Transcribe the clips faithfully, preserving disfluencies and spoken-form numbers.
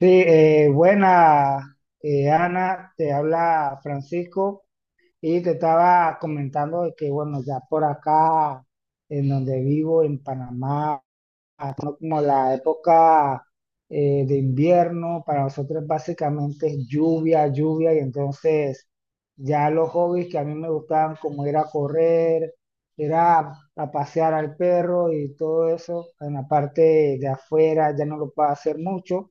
Sí, eh, buena, eh, Ana, te habla Francisco y te estaba comentando de que, bueno, ya por acá, en donde vivo, en Panamá. Ajá, como la época eh, de invierno, para nosotros básicamente es lluvia, lluvia, y entonces ya los hobbies que a mí me gustaban, como ir a correr, ir a, a pasear al perro y todo eso, en la parte de afuera ya no lo puedo hacer mucho.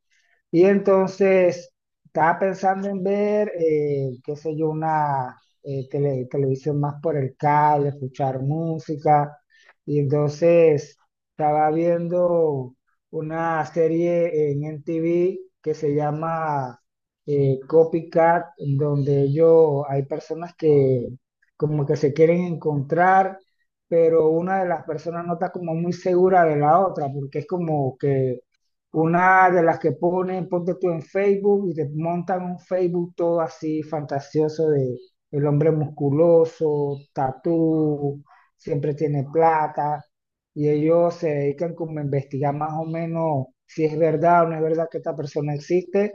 Y entonces estaba pensando en ver, eh, qué sé yo, una eh, tele- televisión más por el cable, escuchar música, y entonces... Estaba viendo una serie en M T V que se llama eh, Copycat, en donde ellos, hay personas que como que se quieren encontrar, pero una de las personas no está como muy segura de la otra, porque es como que una de las que ponen, ponte tú en Facebook y te montan un Facebook todo así fantasioso de el hombre musculoso, tatú, siempre tiene plata y ellos se dedican como a investigar más o menos si es verdad o no es verdad que esta persona existe.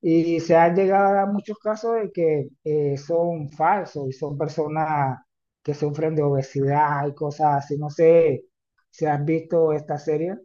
Y se han llegado a dar muchos casos de que eh, son falsos y son personas que sufren de obesidad y cosas así. No sé si has visto esta serie.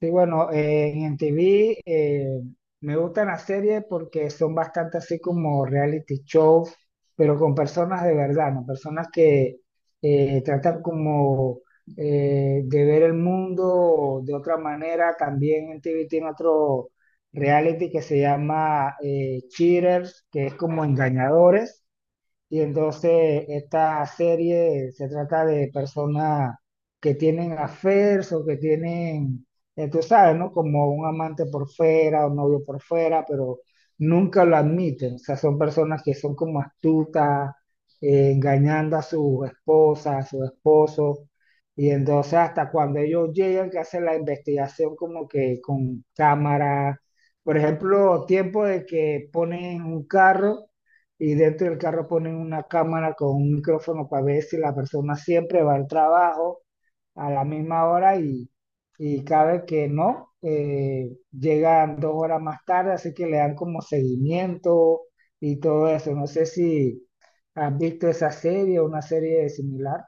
Sí, bueno, eh, en M T V eh, me gustan las series porque son bastante así como reality shows, pero con personas de verdad, ¿no? Personas que eh, tratan como eh, de ver el mundo de otra manera. También M T V tiene otro reality que se llama eh, Cheaters, que es como engañadores. Y entonces esta serie se trata de personas que tienen affairs o que tienen, eh, tú sabes, ¿no? Como un amante por fuera, un novio por fuera, pero nunca lo admiten. O sea, son personas que son como astutas, eh, engañando a su esposa, a su esposo. Y entonces hasta cuando ellos llegan, que hacen la investigación como que con cámara, por ejemplo, tiempo de que ponen un carro y dentro del carro ponen una cámara con un micrófono para ver si la persona siempre va al trabajo a la misma hora y, y cada vez que no, eh, llegan dos horas más tarde, así que le dan como seguimiento y todo eso. No sé si has visto esa serie o una serie similar.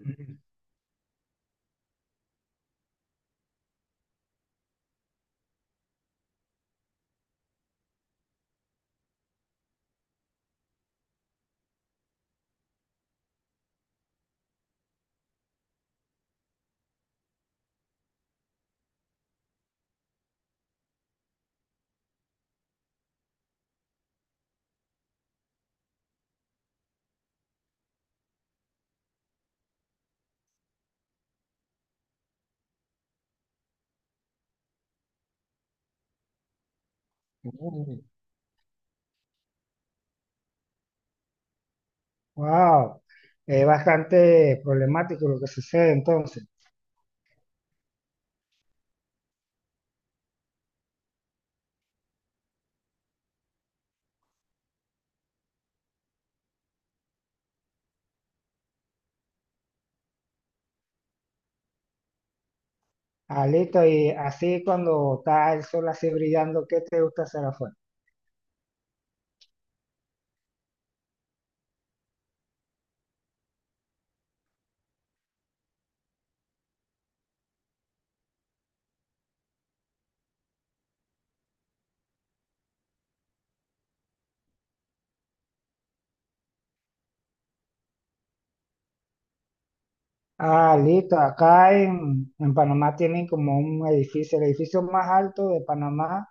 Mm. Wow, es bastante problemático lo que sucede entonces. Ah, listo, y así cuando está el sol así brillando, ¿qué te gusta hacer afuera? Ah, listo. Acá en, en Panamá tienen como un edificio, el edificio más alto de Panamá,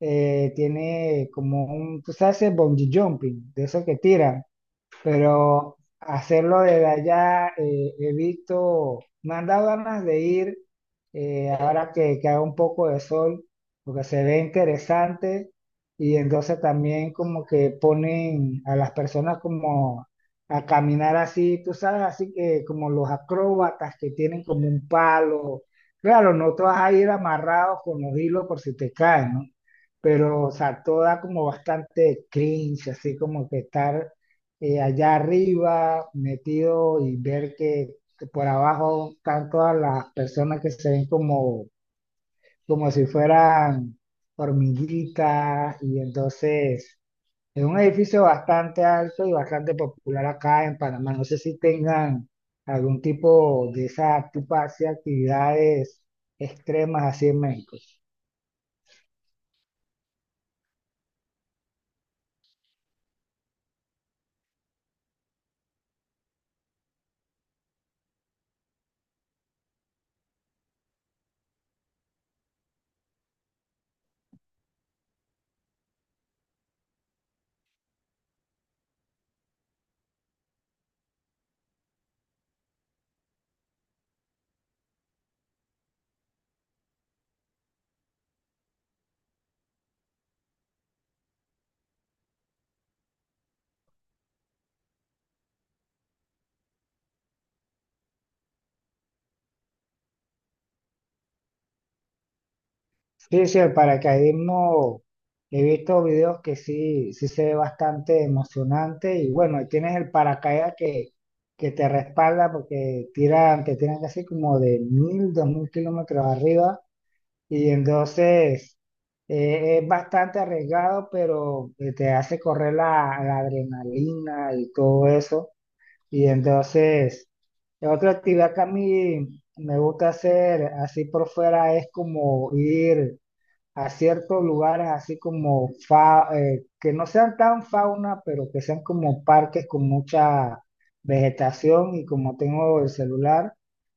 eh, tiene como un, tú sabes, el bungee jumping, de eso que tiran, pero hacerlo desde allá, eh, he visto, me han dado ganas de ir eh, ahora que, que haga un poco de sol, porque se ve interesante y entonces también como que ponen a las personas como a caminar así, tú sabes, así que como los acróbatas que tienen como un palo. Claro, no te vas a ir amarrados con los hilos por si te caen, ¿no? Pero, o sea, todo da como bastante cringe, así como que estar eh, allá arriba metido y ver que, que por abajo están todas las personas que se ven como, como si fueran hormiguitas, y entonces es un edificio bastante alto y bastante popular acá en Panamá. No sé si tengan algún tipo de esa tipo de actividades extremas así en México. Sí, sí, el paracaidismo, he visto videos que sí, sí se ve bastante emocionante y bueno, y tienes el paracaídas que, que te respalda porque tiran, te tiran casi como de mil, dos mil kilómetros arriba y entonces eh, es bastante arriesgado, pero eh, te hace correr la, la adrenalina y todo eso y entonces... Otra actividad que a mí me gusta hacer así por fuera es como ir a ciertos lugares así como fa- eh, que no sean tan fauna, pero que sean como parques con mucha vegetación, y como tengo el celular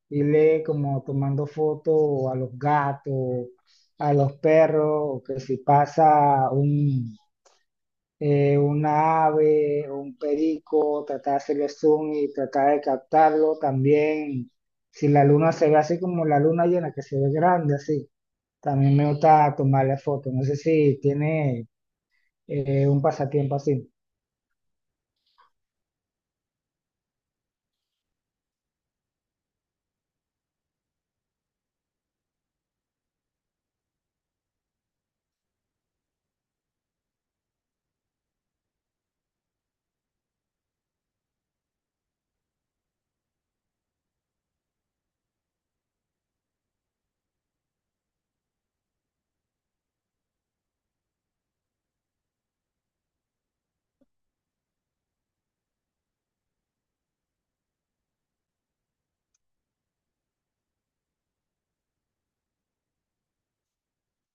y le como tomando fotos a los gatos, a los perros, o que si pasa un, eh, una ave, un perico, tratar de hacerle zoom y tratar de captarlo también. Si la luna se ve así como la luna llena, que se ve grande así. También me gusta tomarle fotos. No sé si tiene eh, un pasatiempo así.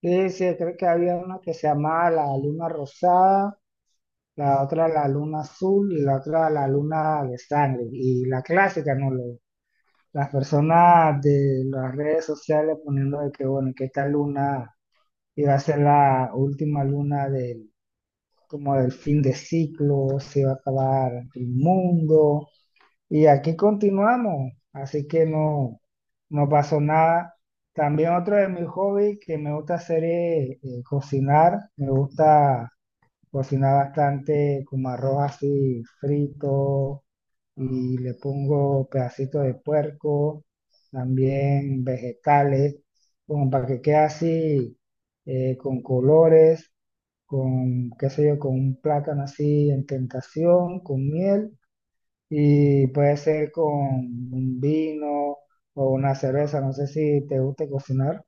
Sí, sí, creo que había una que se llamaba la luna rosada, la otra la luna azul y la otra la luna de sangre. Y la clásica, ¿no? Lo- las personas de las redes sociales poniendo de que, bueno, que esta luna iba a ser la última luna del, como del fin de ciclo, se iba a acabar el mundo. Y aquí continuamos, así que no, no pasó nada. También otro de mis hobbies que me gusta hacer es eh, cocinar. Me gusta cocinar bastante como arroz así frito y le pongo pedacitos de puerco, también vegetales, como para que quede así eh, con colores, con qué sé yo, con un plátano así en tentación, con miel, y puede ser con un vino o una cerveza. No sé si te guste cocinar.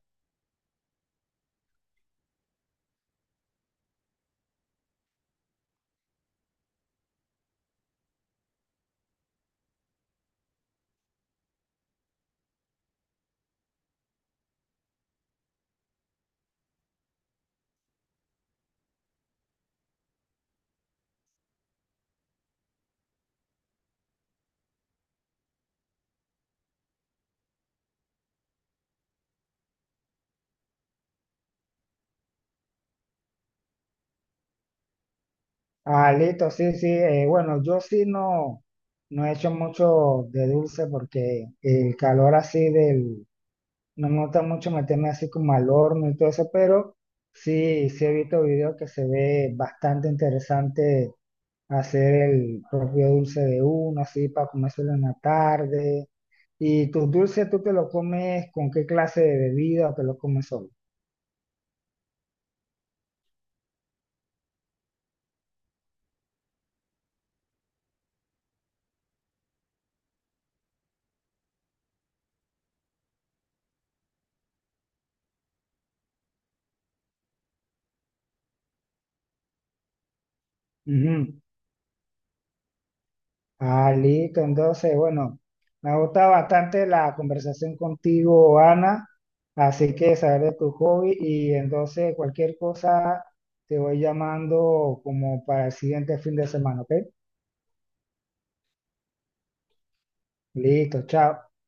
Ah, listo, sí, sí. Eh, bueno, yo sí no, no he hecho mucho de dulce porque el calor así del... No me gusta mucho meterme así como al horno y todo eso, pero sí, sí he visto videos que se ve bastante interesante hacer el propio dulce de uno, así para comérselo en la tarde. ¿Y tus dulces tú te lo comes con qué clase de bebida o te lo comes solo? Ujú. Ah, listo. Entonces, bueno, me gusta bastante la conversación contigo, Ana. Así que saber de tu hobby, y entonces cualquier cosa te voy llamando como para el siguiente fin de semana, ¿ok? Listo, chao.